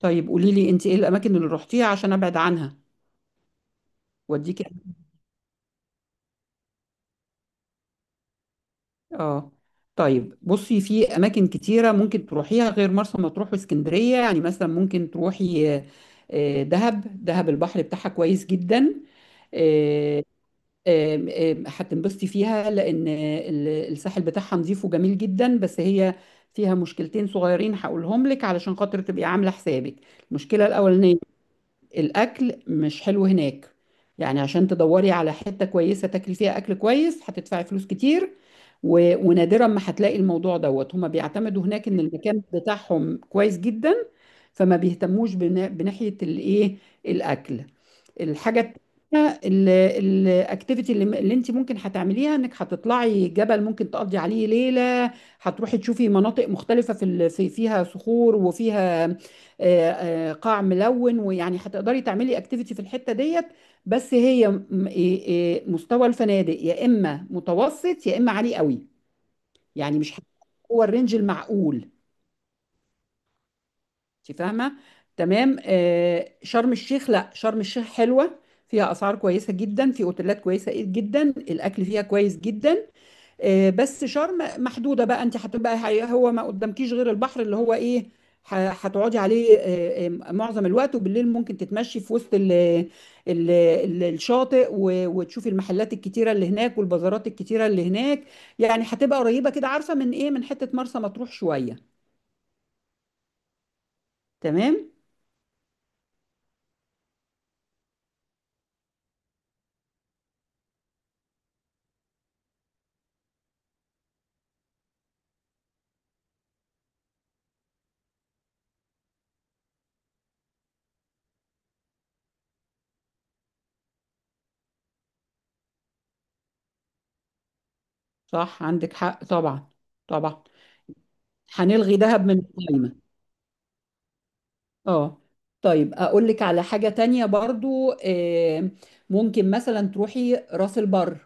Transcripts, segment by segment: طيب قولي لي انت ايه الاماكن اللي روحتيها عشان ابعد عنها؟ واديكي، اه. طيب بصي، في اماكن كتيره ممكن تروحيها غير مرسى مطروح واسكندريه. يعني مثلا ممكن تروحي دهب. دهب البحر بتاعها كويس جدا. آه، آم، آم، هتنبسطي فيها لان الساحل بتاعها نظيف وجميل جدا. بس هي فيها مشكلتين صغيرين هقولهم لك علشان خاطر تبقي عامله حسابك. المشكله الاولانيه، الاكل مش حلو هناك. يعني عشان تدوري على حتة كويسة تاكلي فيها اكل كويس هتدفعي فلوس كتير. ونادرا ما هتلاقي الموضوع دوت. هما بيعتمدوا هناك ان المكان بتاعهم كويس جدا، فما بيهتموش بناحية الايه، الاكل. الحاجة التانية، الاكتيفيتي اللي انت ممكن هتعمليها، انك هتطلعي جبل ممكن تقضي عليه ليلة. هتروحي تشوفي مناطق مختلفة في فيها صخور، وفيها قاع ملون، ويعني هتقدري تعملي اكتيفيتي في الحتة ديت. بس هي م- إيه- إيه، مستوى الفنادق يا اما متوسط يا اما عالي قوي. يعني مش، هو الرينج المعقول. انت فاهمه؟ تمام. شرم الشيخ، لا شرم الشيخ حلوه. فيها اسعار كويسه جدا، في اوتيلات كويسه جدا، الاكل فيها كويس جدا. بس شرم محدوده بقى. انت هتبقى هو ما قدامكيش غير البحر، اللي هو ايه، هتقعدي عليه معظم الوقت. وبالليل ممكن تتمشي في وسط ال الشاطئ، وتشوفي المحلات الكتيره اللي هناك والبازارات الكتيره اللي هناك. يعني هتبقى قريبه كده، عارفه، من ايه، من حته مرسى مطروح شويه. تمام. صح، عندك حق طبعا. طبعا. هنلغي دهب من القايمة. اه. طيب اقول لك على حاجة تانية برضو. ممكن مثلا تروحي راس البر.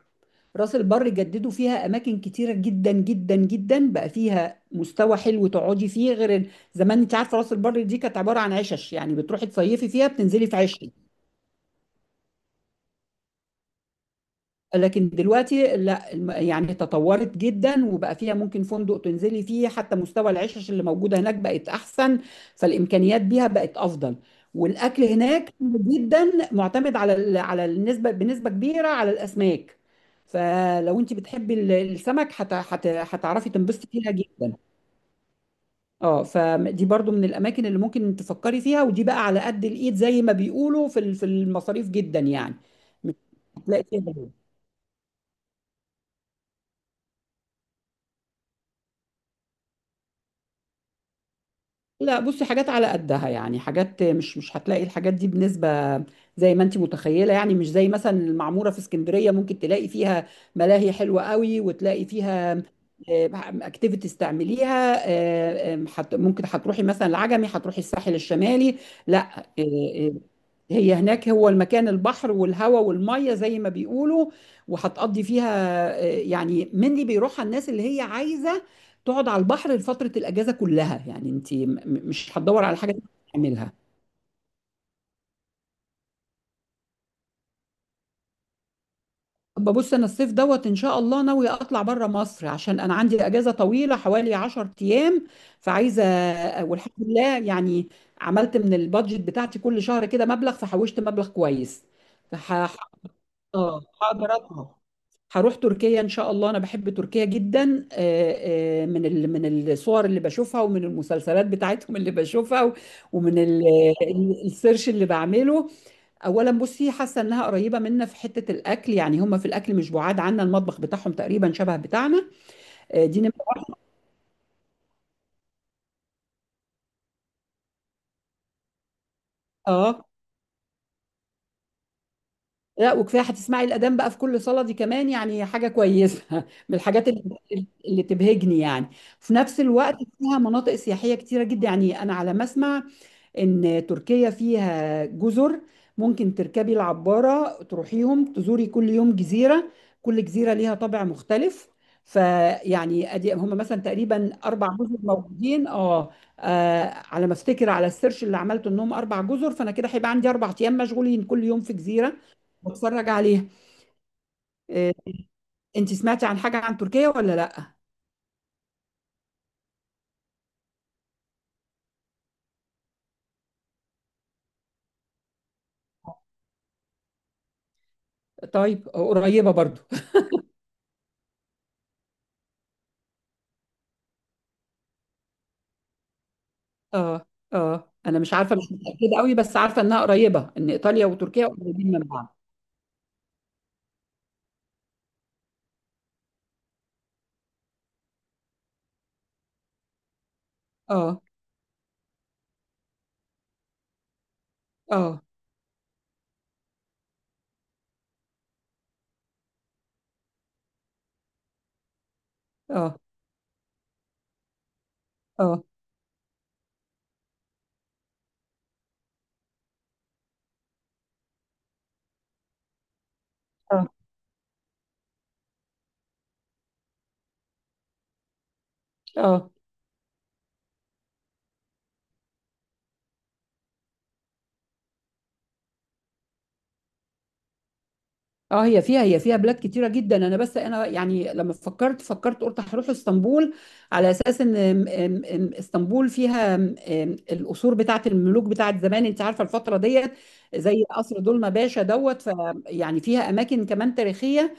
راس البر جددوا فيها اماكن كتيرة جدا جدا جدا. بقى فيها مستوى حلو تقعدي فيه غير زمان. انت عارفة راس البر دي كانت عبارة عن عشش، يعني بتروحي تصيفي فيها بتنزلي في عش. لكن دلوقتي لا، يعني تطورت جدا، وبقى فيها ممكن فندق تنزلي فيه، حتى مستوى العشش اللي موجودة هناك بقت أحسن. فالإمكانيات بيها بقت أفضل. والأكل هناك جدا معتمد على ال- على النسبة بنسبة كبيرة على الأسماك. فلو انت بتحبي السمك هتعرفي تنبسطي فيها جدا. اه، فدي برضو من الاماكن اللي ممكن تفكري فيها. ودي بقى على قد الايد زي ما بيقولوا في المصاريف جدا يعني. هتلاقي فيها، لا بصي، حاجات على قدها. يعني حاجات مش هتلاقي الحاجات دي بنسبة زي ما انت متخيلة. يعني مش زي مثلا المعمورة في اسكندرية، ممكن تلاقي فيها ملاهي حلوة قوي، وتلاقي فيها اكتيفيتيز تعمليها. ممكن هتروحي مثلا العجمي، هتروحي الساحل الشمالي. لا. آه، هي هناك، هو المكان البحر والهواء والمية زي ما بيقولوا. وهتقضي فيها، يعني منلي بيروحها الناس اللي هي عايزة تقعد على البحر لفترة الأجازة كلها. يعني انت مش هتدور على حاجة تعملها. ببص، انا الصيف دوت ان شاء الله ناوية اطلع بره مصر، عشان انا عندي اجازة طويلة حوالي 10 ايام. فعايزة، والحمد لله يعني، عملت من البادجت بتاعتي كل شهر كده مبلغ، فحوشت مبلغ كويس. اه هقدر اطلع. هروح تركيا ان شاء الله. انا بحب تركيا جدا. من من الصور اللي بشوفها، ومن المسلسلات بتاعتهم اللي بشوفها، ومن السيرش اللي بعمله. اولا بصي، حاسه انها قريبه منا في حته الاكل. يعني هم في الاكل مش بعاد عنا، المطبخ بتاعهم تقريبا شبه بتاعنا. دي نمره واحد. اه لا، وكفايه هتسمعي الاذان بقى في كل صلاه، دي كمان يعني حاجه كويسه من الحاجات اللي تبهجني يعني. في نفس الوقت فيها مناطق سياحيه كتيره جدا. يعني انا على ما اسمع ان تركيا فيها جزر، ممكن تركبي العبارة تروحيهم، تزوري كل يوم جزيرة. كل جزيرة ليها طابع مختلف. فيعني ادي هم مثلا تقريبا اربع جزر موجودين. اه. آه، على ما افتكر على السيرش اللي عملته انهم اربع جزر. فانا كده هيبقى عندي اربع ايام مشغولين، كل يوم في جزيرة بتفرج عليها. آه، انت سمعتي عن حاجة عن تركيا ولا لا؟ طيب. قريبة برضو. اه. اه انا مش عارفة، مش متأكدة قوي، بس عارفة انها قريبة، ان ايطاليا وتركيا قريبين من بعض. اه، اه، اه، اه، اه، اه، اه. هي فيها بلاد كتيره جدا. انا يعني لما فكرت قلت هروح اسطنبول، على اساس ان ام- ام- ام اسطنبول فيها ام- ام القصور بتاعه الملوك بتاعه زمان. انت عارفه الفتره ديت، زي قصر دولما باشا دوت. ف يعني فيها اماكن كمان تاريخيه.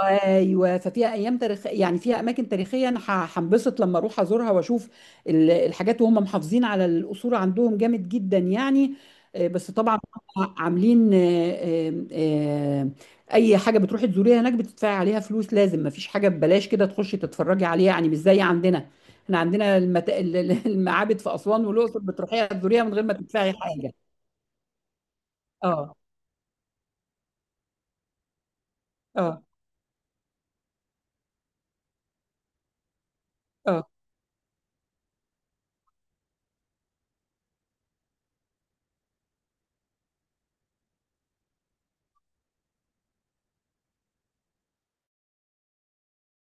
ايوه، ففيها ايام تاريخ، يعني فيها اماكن تاريخيه. انا هنبسط لما اروح ازورها واشوف الحاجات. وهم محافظين على الاصول عندهم جامد جدا يعني. بس طبعا، هم عاملين آه، اي حاجه بتروحي تزوريها هناك بتدفعي عليها فلوس، لازم، ما فيش حاجه ببلاش كده تخشي تتفرجي عليها. يعني مش زي عندنا، احنا عندنا المعابد في اسوان والاقصر بتروحيها تزوريها من غير ما تدفعي حاجه. اه، اه، اه.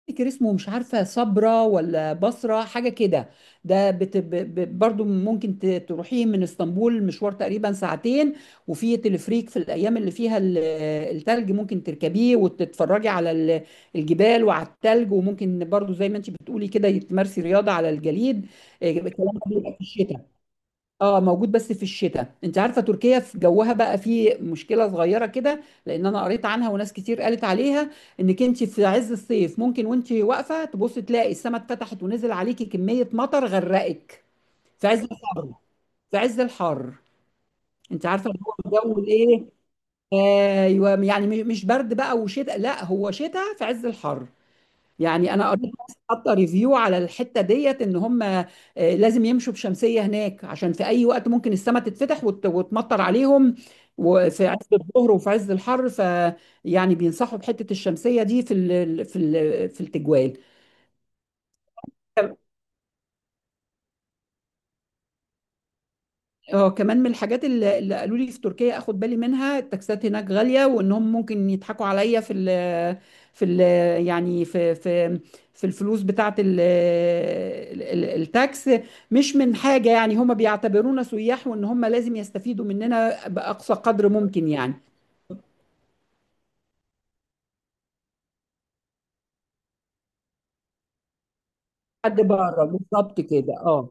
افتكر اسمه، مش عارفه، صبرا ولا بصره حاجه كده. ده برضو ممكن تروحيه من اسطنبول مشوار تقريبا ساعتين. وفي تلفريك، في الايام اللي فيها التلج، ممكن تركبيه وتتفرجي على الجبال وعلى التلج. وممكن برضو زي ما انت بتقولي كده تمارسي رياضه على الجليد. إيه، الكلام ده بيبقى في الشتاء. اه موجود بس في الشتاء. انت عارفه تركيا في جوها بقى في مشكله صغيره كده، لان انا قريت عنها وناس كتير قالت عليها، انك انت في عز الصيف ممكن وانت واقفه تبص تلاقي السماء اتفتحت ونزل عليكي كميه مطر غرقك. في عز الحر، في عز الحر. انت عارفه اللي هو الجو الايه. ايوه، يعني مش برد بقى وشتاء، لا هو شتاء في عز الحر. يعني انا قريت ناس حاطه ريفيو على الحته ديت ان هم، لازم يمشوا بشمسيه هناك، عشان في اي وقت ممكن السماء تتفتح وتمطر عليهم. وفي عز الظهر وفي عز الحر، فيعني بينصحوا بحته الشمسيه دي في التجوال. اه، كمان من الحاجات اللي قالوا لي في تركيا، اخد بالي منها، التاكسات هناك غاليه، وانهم ممكن يضحكوا عليا في ال في ال يعني في الفلوس بتاعه التاكس. مش من حاجه، يعني هم بيعتبرونا سياح، وان هم لازم يستفيدوا مننا باقصى قدر ممكن يعني. حد بره بالظبط كده. اه،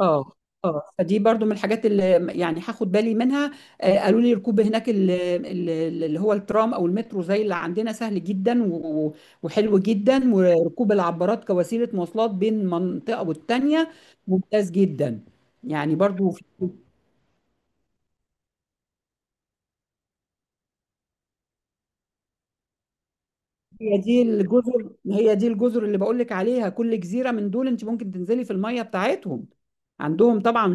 اه، اه. فدي برضو من الحاجات اللي يعني هاخد بالي منها. قالوا لي ركوب هناك اللي هو الترام او المترو زي اللي عندنا سهل جدا وحلو جدا. وركوب العبارات كوسيله مواصلات بين منطقه والتانيه ممتاز جدا. يعني برضو هي دي الجزر، اللي بقول لك عليها. كل جزيره من دول انت ممكن تنزلي في الميه بتاعتهم، عندهم طبعا.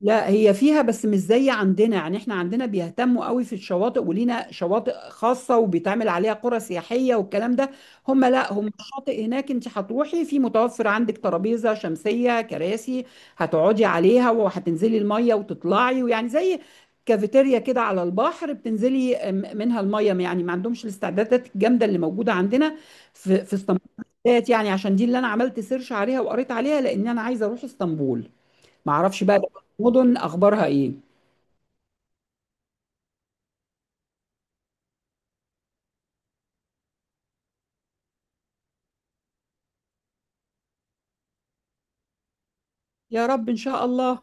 لا هي فيها بس مش زي عندنا، يعني احنا عندنا بيهتموا قوي في الشواطئ، ولينا شواطئ خاصة وبيتعمل عليها قرى سياحية والكلام ده. هم لا، هم الشاطئ هناك انت هتروحي في، متوفر عندك ترابيزة شمسية، كراسي، هتقعدي عليها وهتنزلي المية وتطلعي. ويعني زي كافيتيريا كده على البحر، بتنزلي منها المية. يعني ما عندهمش الاستعدادات الجامدة اللي موجودة عندنا في اسطنبول بالذات، يعني عشان دي اللي انا عملت سيرش عليها وقريت عليها، لان انا عايزة اروح اسطنبول. ما اعرفش بقى المدن اخبارها ايه. يا رب ان شاء الله.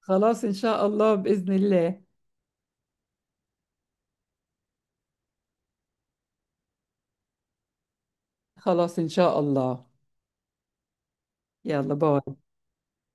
خلاص ان شاء الله باذن الله. خلاص ان شاء الله. يلا، باي.